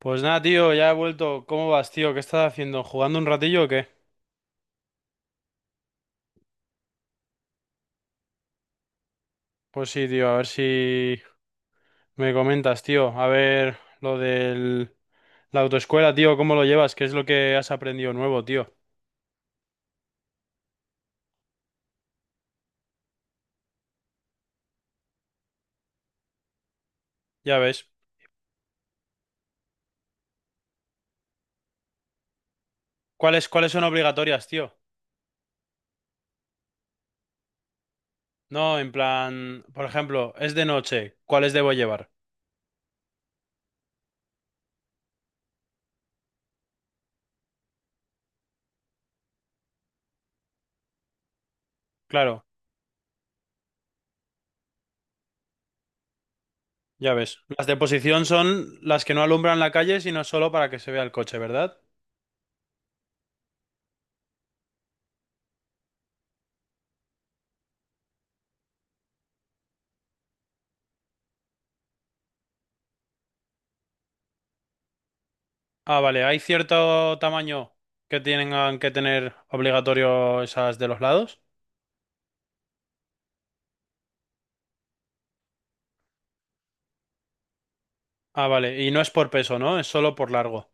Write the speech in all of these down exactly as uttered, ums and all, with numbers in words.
Pues nada, tío, ya he vuelto. ¿Cómo vas, tío? ¿Qué estás haciendo? ¿Jugando un ratillo o qué? Pues sí, tío, a ver si me comentas, tío. A ver lo del... la autoescuela, tío, ¿cómo lo llevas? ¿Qué es lo que has aprendido nuevo, tío? Ya ves. ¿Cuáles, cuáles son obligatorias, tío? No, en plan, por ejemplo, es de noche, ¿cuáles debo llevar? Claro, ya ves. Las de posición son las que no alumbran la calle, sino solo para que se vea el coche, ¿verdad? Ah, vale, ¿hay cierto tamaño que tienen que tener obligatorio esas de los lados? Ah, vale, y no es por peso, ¿no? Es solo por largo.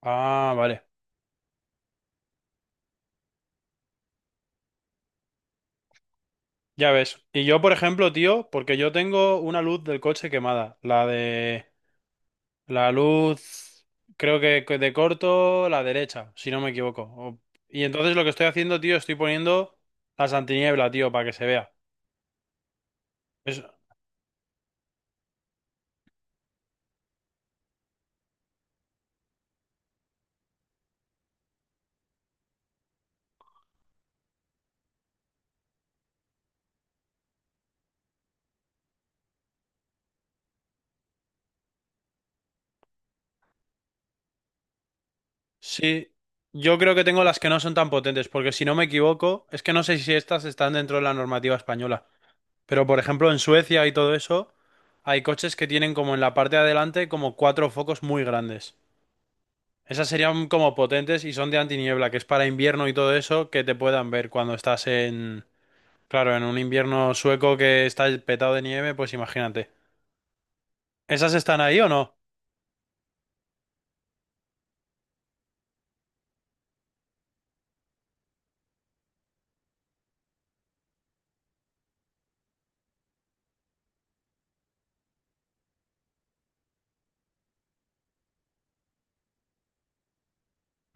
Ah, vale, ya ves. Y yo, por ejemplo, tío, porque yo tengo una luz del coche quemada, la de... La luz, creo que que de corto, la derecha, si no me equivoco. O- Y entonces lo que estoy haciendo, tío, estoy poniendo las antiniebla, tío, para que se vea. Sí, yo creo que tengo las que no son tan potentes, porque si no me equivoco, es que no sé si estas están dentro de la normativa española, pero por ejemplo en Suecia y todo eso, hay coches que tienen como en la parte de adelante como cuatro focos muy grandes. Esas serían como potentes y son de antiniebla, que es para invierno y todo eso, que te puedan ver cuando estás en, claro, en un invierno sueco que está petado de nieve, pues imagínate. ¿Esas están ahí o no?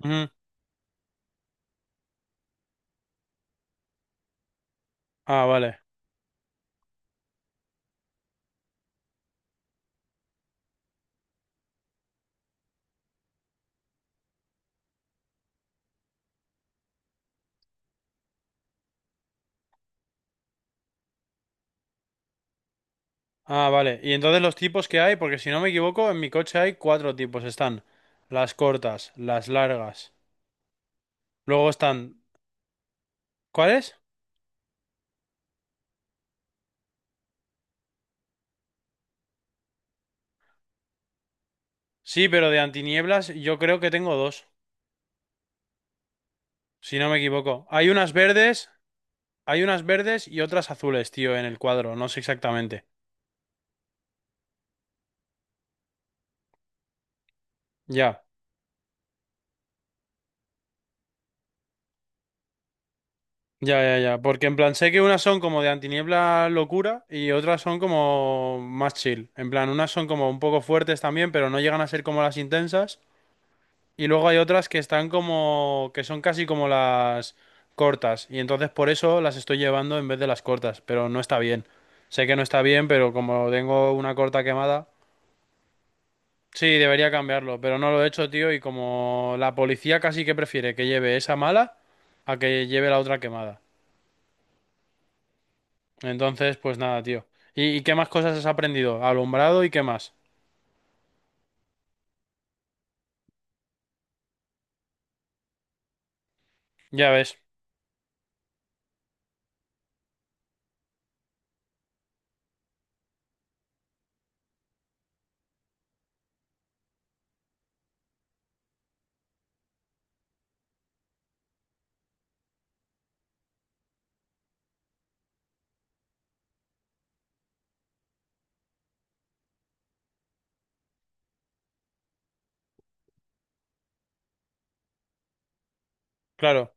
Ujú. Ah, vale. Ah, vale. Y entonces los tipos que hay, porque si no me equivoco, en mi coche hay cuatro tipos. Están las cortas, las largas. Luego están... ¿Cuáles? Sí, pero de antinieblas yo creo que tengo dos, si no me equivoco. Hay unas verdes, hay unas verdes y otras azules, tío, en el cuadro. No sé exactamente. Ya, ya, ya, ya. Porque en plan sé que unas son como de antiniebla locura y otras son como más chill. En plan, unas son como un poco fuertes también, pero no llegan a ser como las intensas. Y luego hay otras que están como, que son casi como las cortas. Y entonces por eso las estoy llevando en vez de las cortas. Pero no está bien. Sé que no está bien, pero como tengo una corta quemada, sí, debería cambiarlo. Pero no lo he hecho, tío. Y como la policía casi que prefiere que lleve esa mala a que lleve la otra quemada. Entonces, pues nada, tío. ¿Y, y qué más cosas has aprendido? Alumbrado y qué más. Ya ves, claro.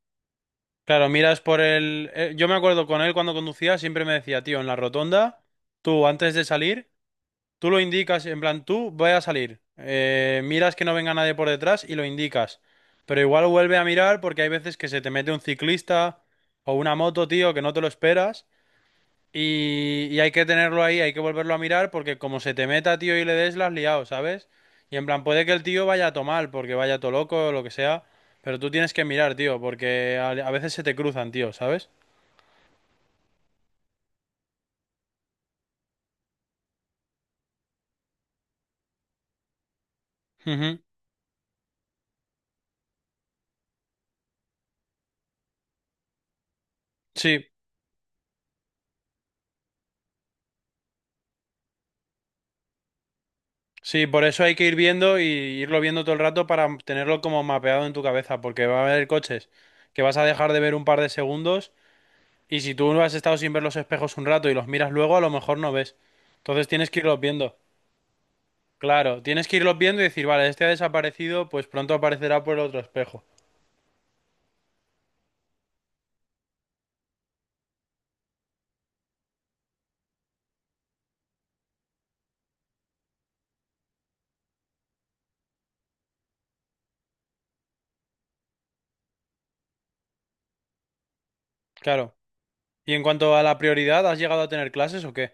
Claro, miras por el... eh, yo me acuerdo con él cuando conducía, siempre me decía, tío, en la rotonda, tú antes de salir, tú lo indicas, en plan, tú voy a salir, eh, miras que no venga nadie por detrás y lo indicas. Pero igual vuelve a mirar porque hay veces que se te mete un ciclista o una moto, tío, que no te lo esperas y, y hay que tenerlo ahí, hay que volverlo a mirar porque como se te meta, tío, y le des, las has liado, ¿sabes? Y en plan, puede que el tío vaya a tomar porque vaya todo loco o lo que sea, pero tú tienes que mirar, tío, porque a, a veces se te cruzan, tío, ¿sabes? Ujú. Sí, sí, por eso hay que ir viendo y irlo viendo todo el rato para tenerlo como mapeado en tu cabeza, porque va a haber coches que vas a dejar de ver un par de segundos y si tú has estado sin ver los espejos un rato y los miras luego, a lo mejor no ves. Entonces tienes que irlos viendo. Claro, tienes que irlos viendo y decir, vale, este ha desaparecido, pues pronto aparecerá por el otro espejo. Claro. Y en cuanto a la prioridad, ¿has llegado a tener clases o qué?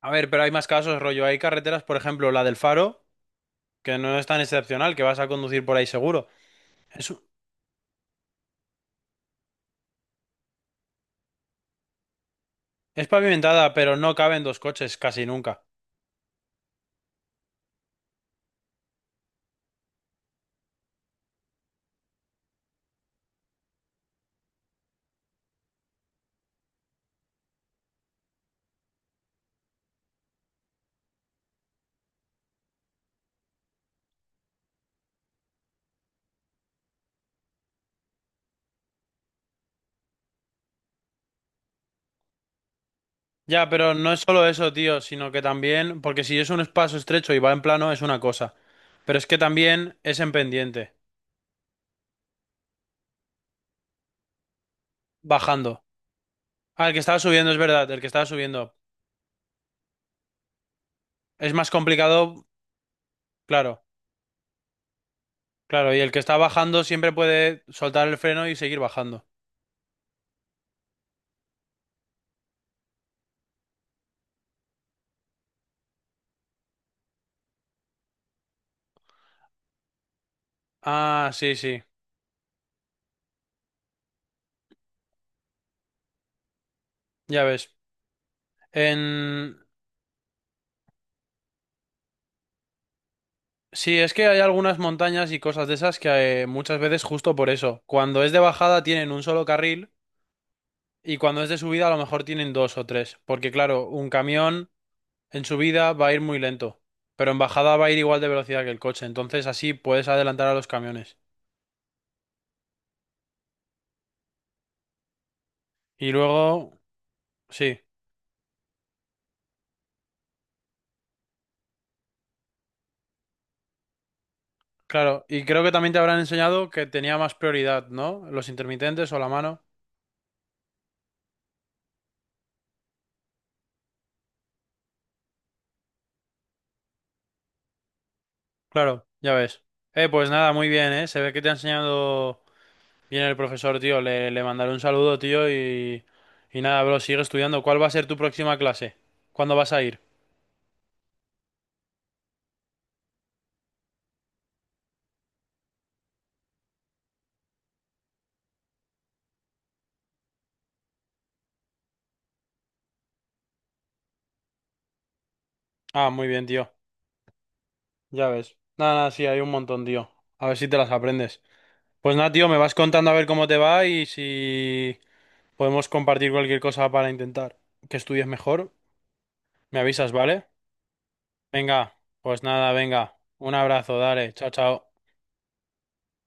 A ver, pero hay más casos, rollo. Hay carreteras, por ejemplo, la del Faro, que no es tan excepcional, que vas a conducir por ahí seguro. Es, es pavimentada, pero no caben dos coches casi nunca. Ya, pero no es solo eso, tío, sino que también, porque si es un espacio estrecho y va en plano, es una cosa. Pero es que también es en pendiente, bajando. Ah, el que estaba subiendo, es verdad, el que estaba subiendo. Es más complicado. Claro, claro, y el que está bajando siempre puede soltar el freno y seguir bajando. Ah, sí, sí, ya ves. En... Sí, es que hay algunas montañas y cosas de esas que eh, muchas veces justo por eso. Cuando es de bajada tienen un solo carril y cuando es de subida a lo mejor tienen dos o tres. Porque claro, un camión en subida va a ir muy lento, pero en bajada va a ir igual de velocidad que el coche. Entonces así puedes adelantar a los camiones. Y luego, sí, claro. Y creo que también te habrán enseñado que tenía más prioridad, ¿no? Los intermitentes o la mano. Claro, ya ves. Eh, pues nada, muy bien, ¿eh? Se ve que te ha enseñado bien el profesor, tío. Le, le mandaré un saludo, tío, y, y nada, bro, sigue estudiando. ¿Cuál va a ser tu próxima clase? ¿Cuándo vas a ir? Ah, muy bien, tío. Ya ves. Nada, nada, sí, hay un montón, tío. A ver si te las aprendes. Pues nada, tío, me vas contando a ver cómo te va y si podemos compartir cualquier cosa para intentar que estudies mejor. Me avisas, ¿vale? Venga, pues nada, venga. Un abrazo, dale. Chao, chao.